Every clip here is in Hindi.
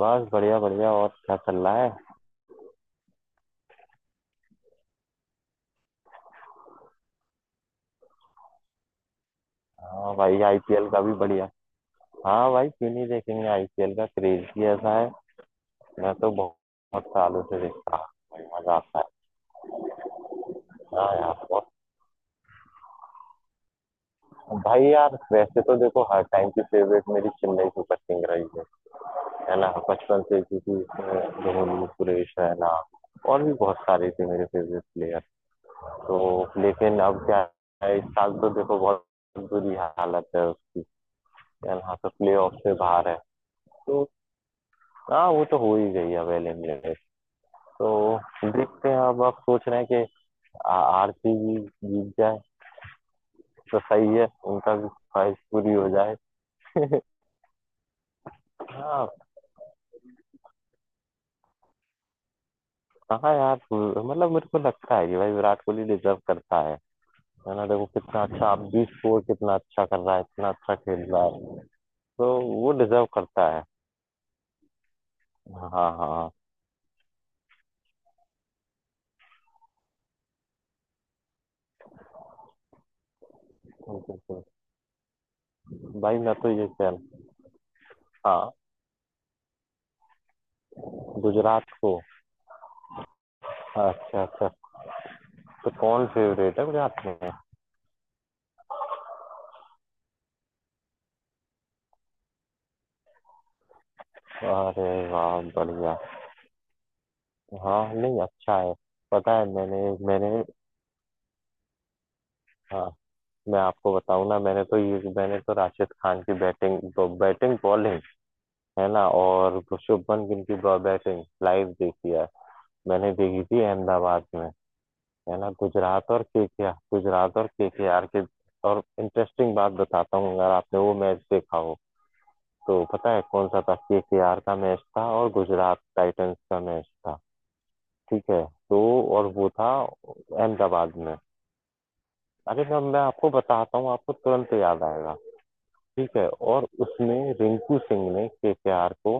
बस बढ़िया बढ़िया और क्या चल रहा है। हाँ भाई, आईपीएल का भी बढ़िया। हाँ भाई क्यों नहीं देखेंगे, आईपीएल का क्रेज ही ऐसा है। मैं तो बहुत बहुत सालों से देखता हूँ। बड़ी मजा आता है। हाँ यार बहुत। भाई यार वैसे तो देखो हर टाइम की फेवरेट मेरी चेन्नई सुपर किंग रही है ना बचपन से, क्योंकि उसमें धोनी, सुरेश रैना और भी बहुत सारे थे मेरे फेवरेट प्लेयर। तो लेकिन अब क्या है, इस साल तो देखो बहुत बुरी हालत है उसकी। है ना, तो प्ले ऑफ से बाहर है तो। हाँ, वो तो हो ही गई है अवेलेबल। तो देखते हैं अब। आप सोच रहे हैं कि आ- आरसीबी जीत जाए तो सही है, उनका भी ख्वाहिश पूरी हो जाए। हाँ कहाँ यार, मतलब मेरे को लगता है कि भाई विराट कोहली डिजर्व करता है। है ना, देखो कितना अच्छा, आप भी स्कोर कितना अच्छा कर रहा है, इतना अच्छा खेल रहा है। तो वो डिजर्व करता है। हाँ हाँ हाँ। बिल्कुल। भाई मैं तो ये कह रहा हूँ, हाँ, गुजरात को। अच्छा अच्छा, तो कौन फेवरेट है गुजरात में। अरे वाह, बढ़िया। हाँ नहीं, अच्छा है। पता है मैंने मैंने। हाँ मैं आपको बताऊँ ना, मैंने तो राशिद खान की बैटिंग तो बैटिंग बॉलिंग, है ना, और शुभमन गिल की बैटिंग लाइव देखी है। मैंने देखी थी अहमदाबाद में, है ना। गुजरात और केकेआर, गुजरात और केकेआर के आर के। और इंटरेस्टिंग बात बताता हूँ, अगर आपने वो मैच देखा हो तो पता है कौन सा था, केकेआर का मैच था और गुजरात टाइटंस का मैच था। ठीक है तो, और वो था अहमदाबाद में। अरे मैम मैं आपको बताता हूँ, आपको तुरंत याद आएगा। ठीक है, और उसमें रिंकू सिंह ने केकेआर को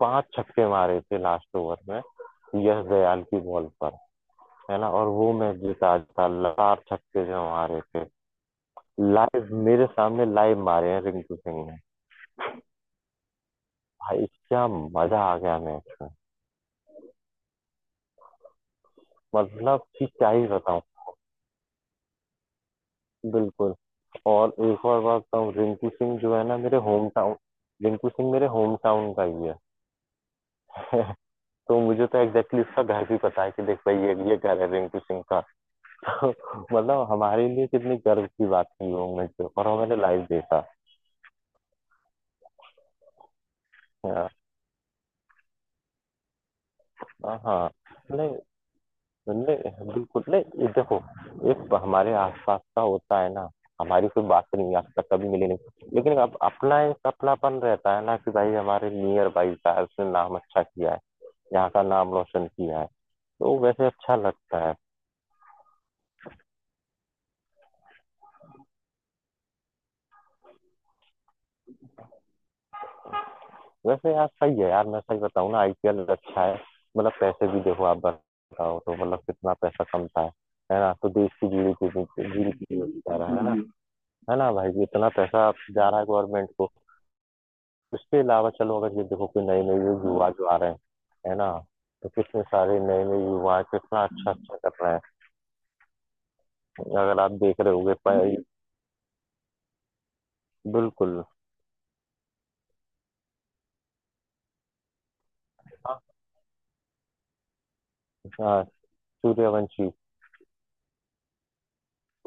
पांच छक्के मारे थे लास्ट ओवर में, यश दयाल की बॉल पर, है ना, और वो मैच जीता था। लगातार छक्के जो मारे थे, लाइव मेरे सामने लाइव मारे हैं रिंकू सिंह ने। भाई क्या मजा आ गया मैच में। मतलब कि क्या ही बताऊं। बिल्कुल। और एक और बात बताऊं, रिंकू सिंह जो है ना, मेरे होम टाउन, रिंकू सिंह मेरे होम टाउन का ही है। तो मुझे तो एग्जैक्टली exactly उसका घर भी पता है, कि देख भाई ये घर है रिंकू सिंह का। तो मतलब हमारे लिए कितनी गर्व की बात थी वो मोमेंट पे, और वो मैंने लाइव देखा। हाँ हाँ, नहीं नहीं, बिल्कुल नहीं, ये देखो एक हमारे आसपास का होता है ना। हमारी कोई बात नहीं, आज तक कभी मिली नहीं, लेकिन अब अपना एक अपनापन रहता है ना, कि भाई हमारे नियर बाई था, उसने नाम अच्छा किया है, यहाँ का नाम रोशन किया है, तो वैसे अच्छा लगता है। वैसे यार सही है यार, मैं सही बताऊं ना, आईपीएल अच्छा है। मतलब पैसे भी देखो, आप बताओ तो मतलब कितना पैसा कमता है ना। तो देश की जीडीपी, जीडीपी जा रहा है ना। हम्म। है ना, भाई जी इतना पैसा जा रहा है गवर्नमेंट को। उसके अलावा चलो, अगर ये देखो कोई नए नए युवा जो आ रहे हैं, है ना, तो कितने सारे नए नए युवा कितना अच्छा अच्छा कर रहे हैं। अगर आप देख रहे होगे बिल्कुल। हाँ हाँ, सूर्यवंशी,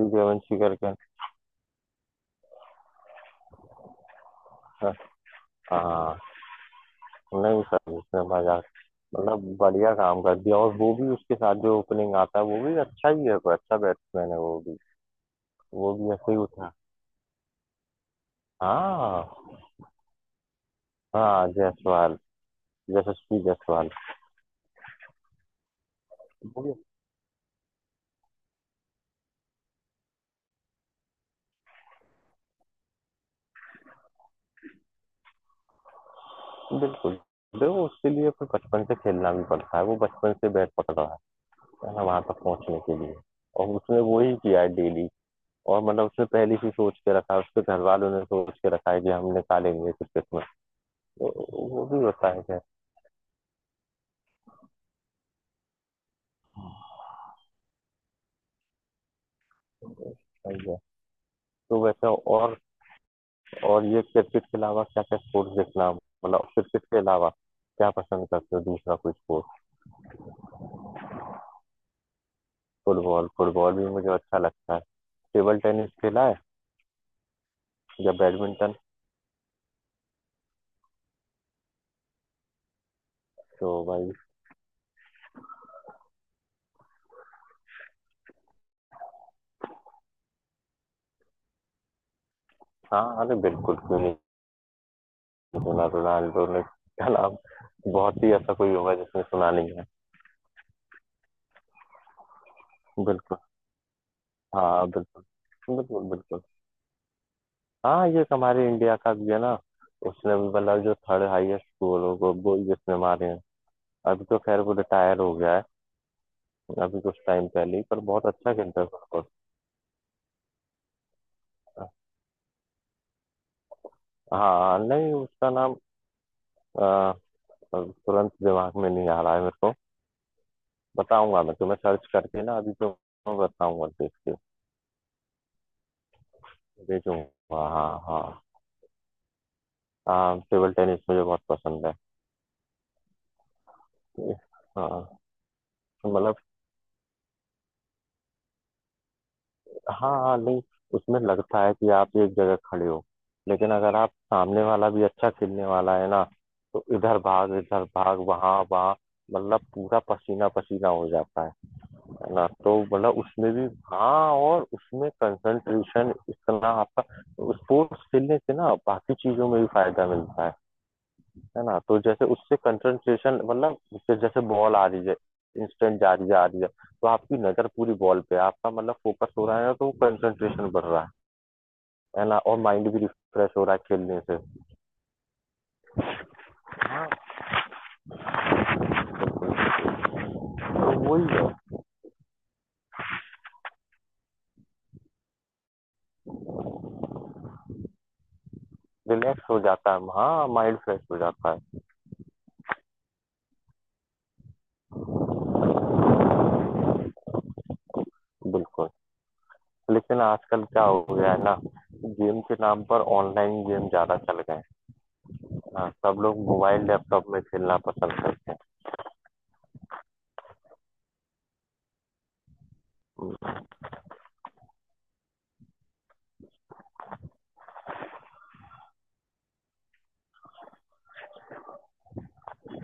सूर्यवंशी करके। हाँ नहीं सर, उसने मजाक, मतलब बढ़िया काम कर दिया। और वो भी उसके साथ जो ओपनिंग आता है वो भी अच्छा ही है, वो अच्छा बैट्समैन है वो भी। वो भी ऐसे ही उठा। हाँ हाँ, जायसवाल, यशस्वी जायसवाल। वो भी। बिल्कुल। देखो उसके लिए फिर बचपन से खेलना भी पड़ता है, वो बचपन से बैट पकड़ रहा है ना वहां तक पहुंचने के लिए। और उसने वो ही किया है डेली। और मतलब उसने पहले से सोच के रखा है, उसके घर वालों ने सोच के रखा है कि हम निकालेंगे क्रिकेट में। तो वो भी होता है, खैर, सही है। तो वैसे और ये क्रिकेट के अलावा क्या क्या स्पोर्ट्स देखना, मतलब क्रिकेट के अलावा क्या पसंद करते हो, दूसरा कोई स्पोर्ट। फुटबॉल, फुटबॉल भी मुझे अच्छा लगता है। टेबल टेनिस खेला है या बैडमिंटन। तो भाई, हाँ, अरे बिल्कुल, क्यों नहीं सुना, तो रोनाल्डो ने क्या नाम, बहुत ही ऐसा कोई होगा जिसने सुना नहीं है। बिल्कुल। हाँ बिल्कुल बिल्कुल बिल्कुल। हाँ ये एक हमारे इंडिया का भी है ना, उसने भी मतलब जो थर्ड हाईएस्ट गोल हो गोल जिसने मारे हैं। अभी तो खैर वो रिटायर हो गया है अभी कुछ टाइम पहले ही, पर बहुत अच्छा खेलता है, सुपर। हाँ नहीं उसका नाम अ, तुरंत दिमाग में नहीं आ रहा है मेरे को। बताऊंगा मैं तुम्हें सर्च करके ना अभी तो, बताऊंगा देख के भेजूंगा। हाँ हाँ। हाँ टेबल टेनिस मुझे बहुत पसंद है। हाँ मतलब, हाँ हाँ नहीं, उसमें लगता है कि आप एक जगह खड़े हो, लेकिन अगर आप सामने वाला भी अच्छा खेलने वाला है ना, तो इधर भाग वहाँ वहाँ, मतलब पूरा पसीना पसीना हो जाता है ना। तो मतलब उसमें भी, हाँ, और उसमें कंसंट्रेशन इतना आपका, स्पोर्ट्स खेलने से ना बाकी चीजों में भी फायदा मिलता है ना। तो जैसे उससे कंसंट्रेशन, मतलब उससे जैसे बॉल आ रही है, इंस्टेंट जा रही है आ रही है, तो आपकी नजर पूरी बॉल पे है, आपका मतलब फोकस हो रहा है ना, तो कंसंट्रेशन बढ़ रहा है ना। और माइंड भी रिफ्रेश हो रहा है खेलने से। हाँ तो वही है। रिलैक्स हो जाता है, हाँ माइंड फ्रेश हो जाता है। बिल्कुल। लेकिन आजकल क्या हो गया है ना, गेम के नाम पर ऑनलाइन गेम ज्यादा चल गए हैं। हाँ सब लोग मोबाइल लैपटॉप में खेलना पसंद करते हैं।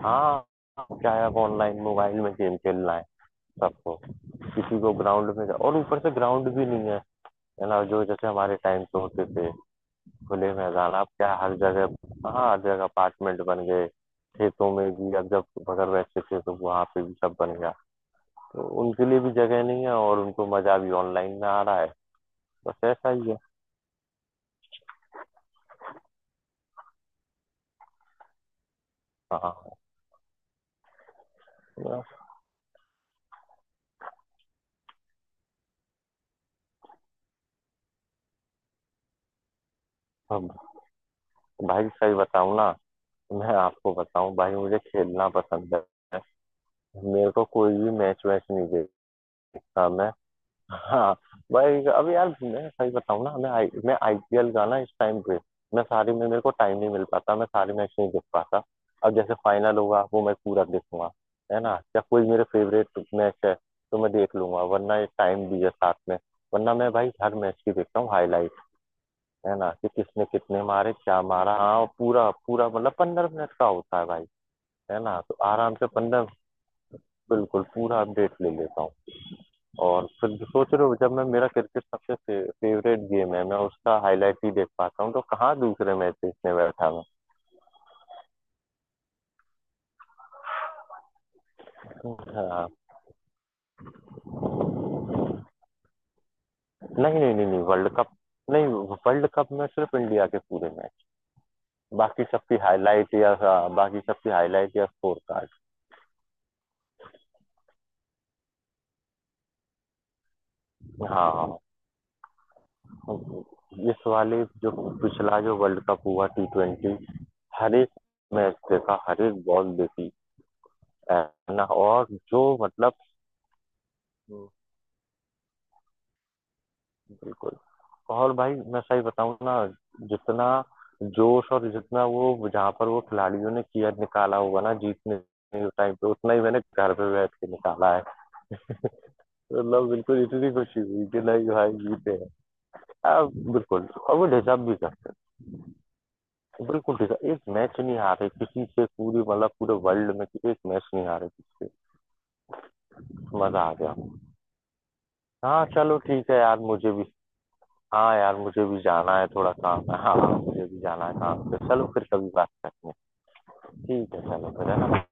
हाँ क्या है, अब ऑनलाइन मोबाइल में गेम खेलना है सबको। किसी को ग्राउंड में और ऊपर से ग्राउंड भी नहीं है, है ना, जो जैसे हमारे टाइम पे होते थे, खुले मैदान। अब क्या है, हर जगह, हाँ हर जगह अपार्टमेंट बन गए। खेतों में भी, अब जब बगल बैठते थे तो वहां पे भी सब बन गया, तो उनके लिए भी जगह नहीं है, और उनको मजा भी ऑनलाइन में आ रहा है। बस ऐसा ही है। हाँ हाँ। अब भाई सही बताऊँ ना, मैं आपको बताऊँ भाई मुझे खेलना पसंद है, मेरे को कोई भी मैच वैच नहीं देखता मैं। हाँ भाई, अब यार मैं सही बताऊँ ना, मैं आई, मैं आईपीएल का ना इस टाइम पे मैं सारी में मेरे को टाइम नहीं मिल पाता, मैं सारे मैच नहीं देख पाता। अब जैसे फाइनल होगा वो मैं पूरा देखूंगा, है ना, या कोई मेरे फेवरेट मैच है तो मैं देख लूंगा, वरना ये टाइम भी है साथ में। वरना मैं भाई हर मैच की देखता हूँ हाईलाइट, है ना, कि किसने कितने मारे, क्या मारा। हाँ पूरा पूरा, मतलब 15 मिनट का होता है भाई, है ना, तो आराम से पंद्रह, बिल्कुल पूरा अपडेट ले लेता हूँ। और फिर सोच रहे हो, जब मैं, मेरा क्रिकेट सबसे फेवरेट गेम है, मैं उसका हाईलाइट ही देख पाता हूँ, तो कहाँ दूसरे मैच देखने बैठा मैं। हाँ नहीं नहीं नहीं नहीं, वर्ल्ड कप नहीं। वर्ल्ड कप में सिर्फ इंडिया के पूरे मैच, बाकी सबकी हाईलाइट, या हाँ, बाकी सबकी हाईलाइट या स्कोर कार्ड। हाँ हाँ। इस वाले जो पिछला जो वर्ल्ड कप हुआ T20, हर एक मैच देखा, हर एक बॉल देखी, है ना। और जो मतलब, बिल्कुल। और भाई मैं सही बताऊं ना, जितना जोश और जितना वो, जहाँ पर वो खिलाड़ियों ने किया, निकाला होगा ना जीतने टाइम पे, उतना ही मैंने घर पे बैठ के निकाला है। मतलब बिल्कुल, इतनी खुशी हुई कि नहीं भाई जीते हैं। अब बिल्कुल, और वो डिजर्व भी कर, बिल्कुल ठीक है, एक मैच नहीं हारे किसी से पूरी, मतलब पूरे वर्ल्ड में एक मैच नहीं हारे किसी से, मजा आ गया। हाँ चलो ठीक है यार, मुझे भी, हाँ यार मुझे भी जाना है, थोड़ा काम है। हाँ हाँ, मुझे भी जाना है काम पे। चलो फिर कभी बात करते हैं। ठीक है, चलो फिर, है ना, बाय।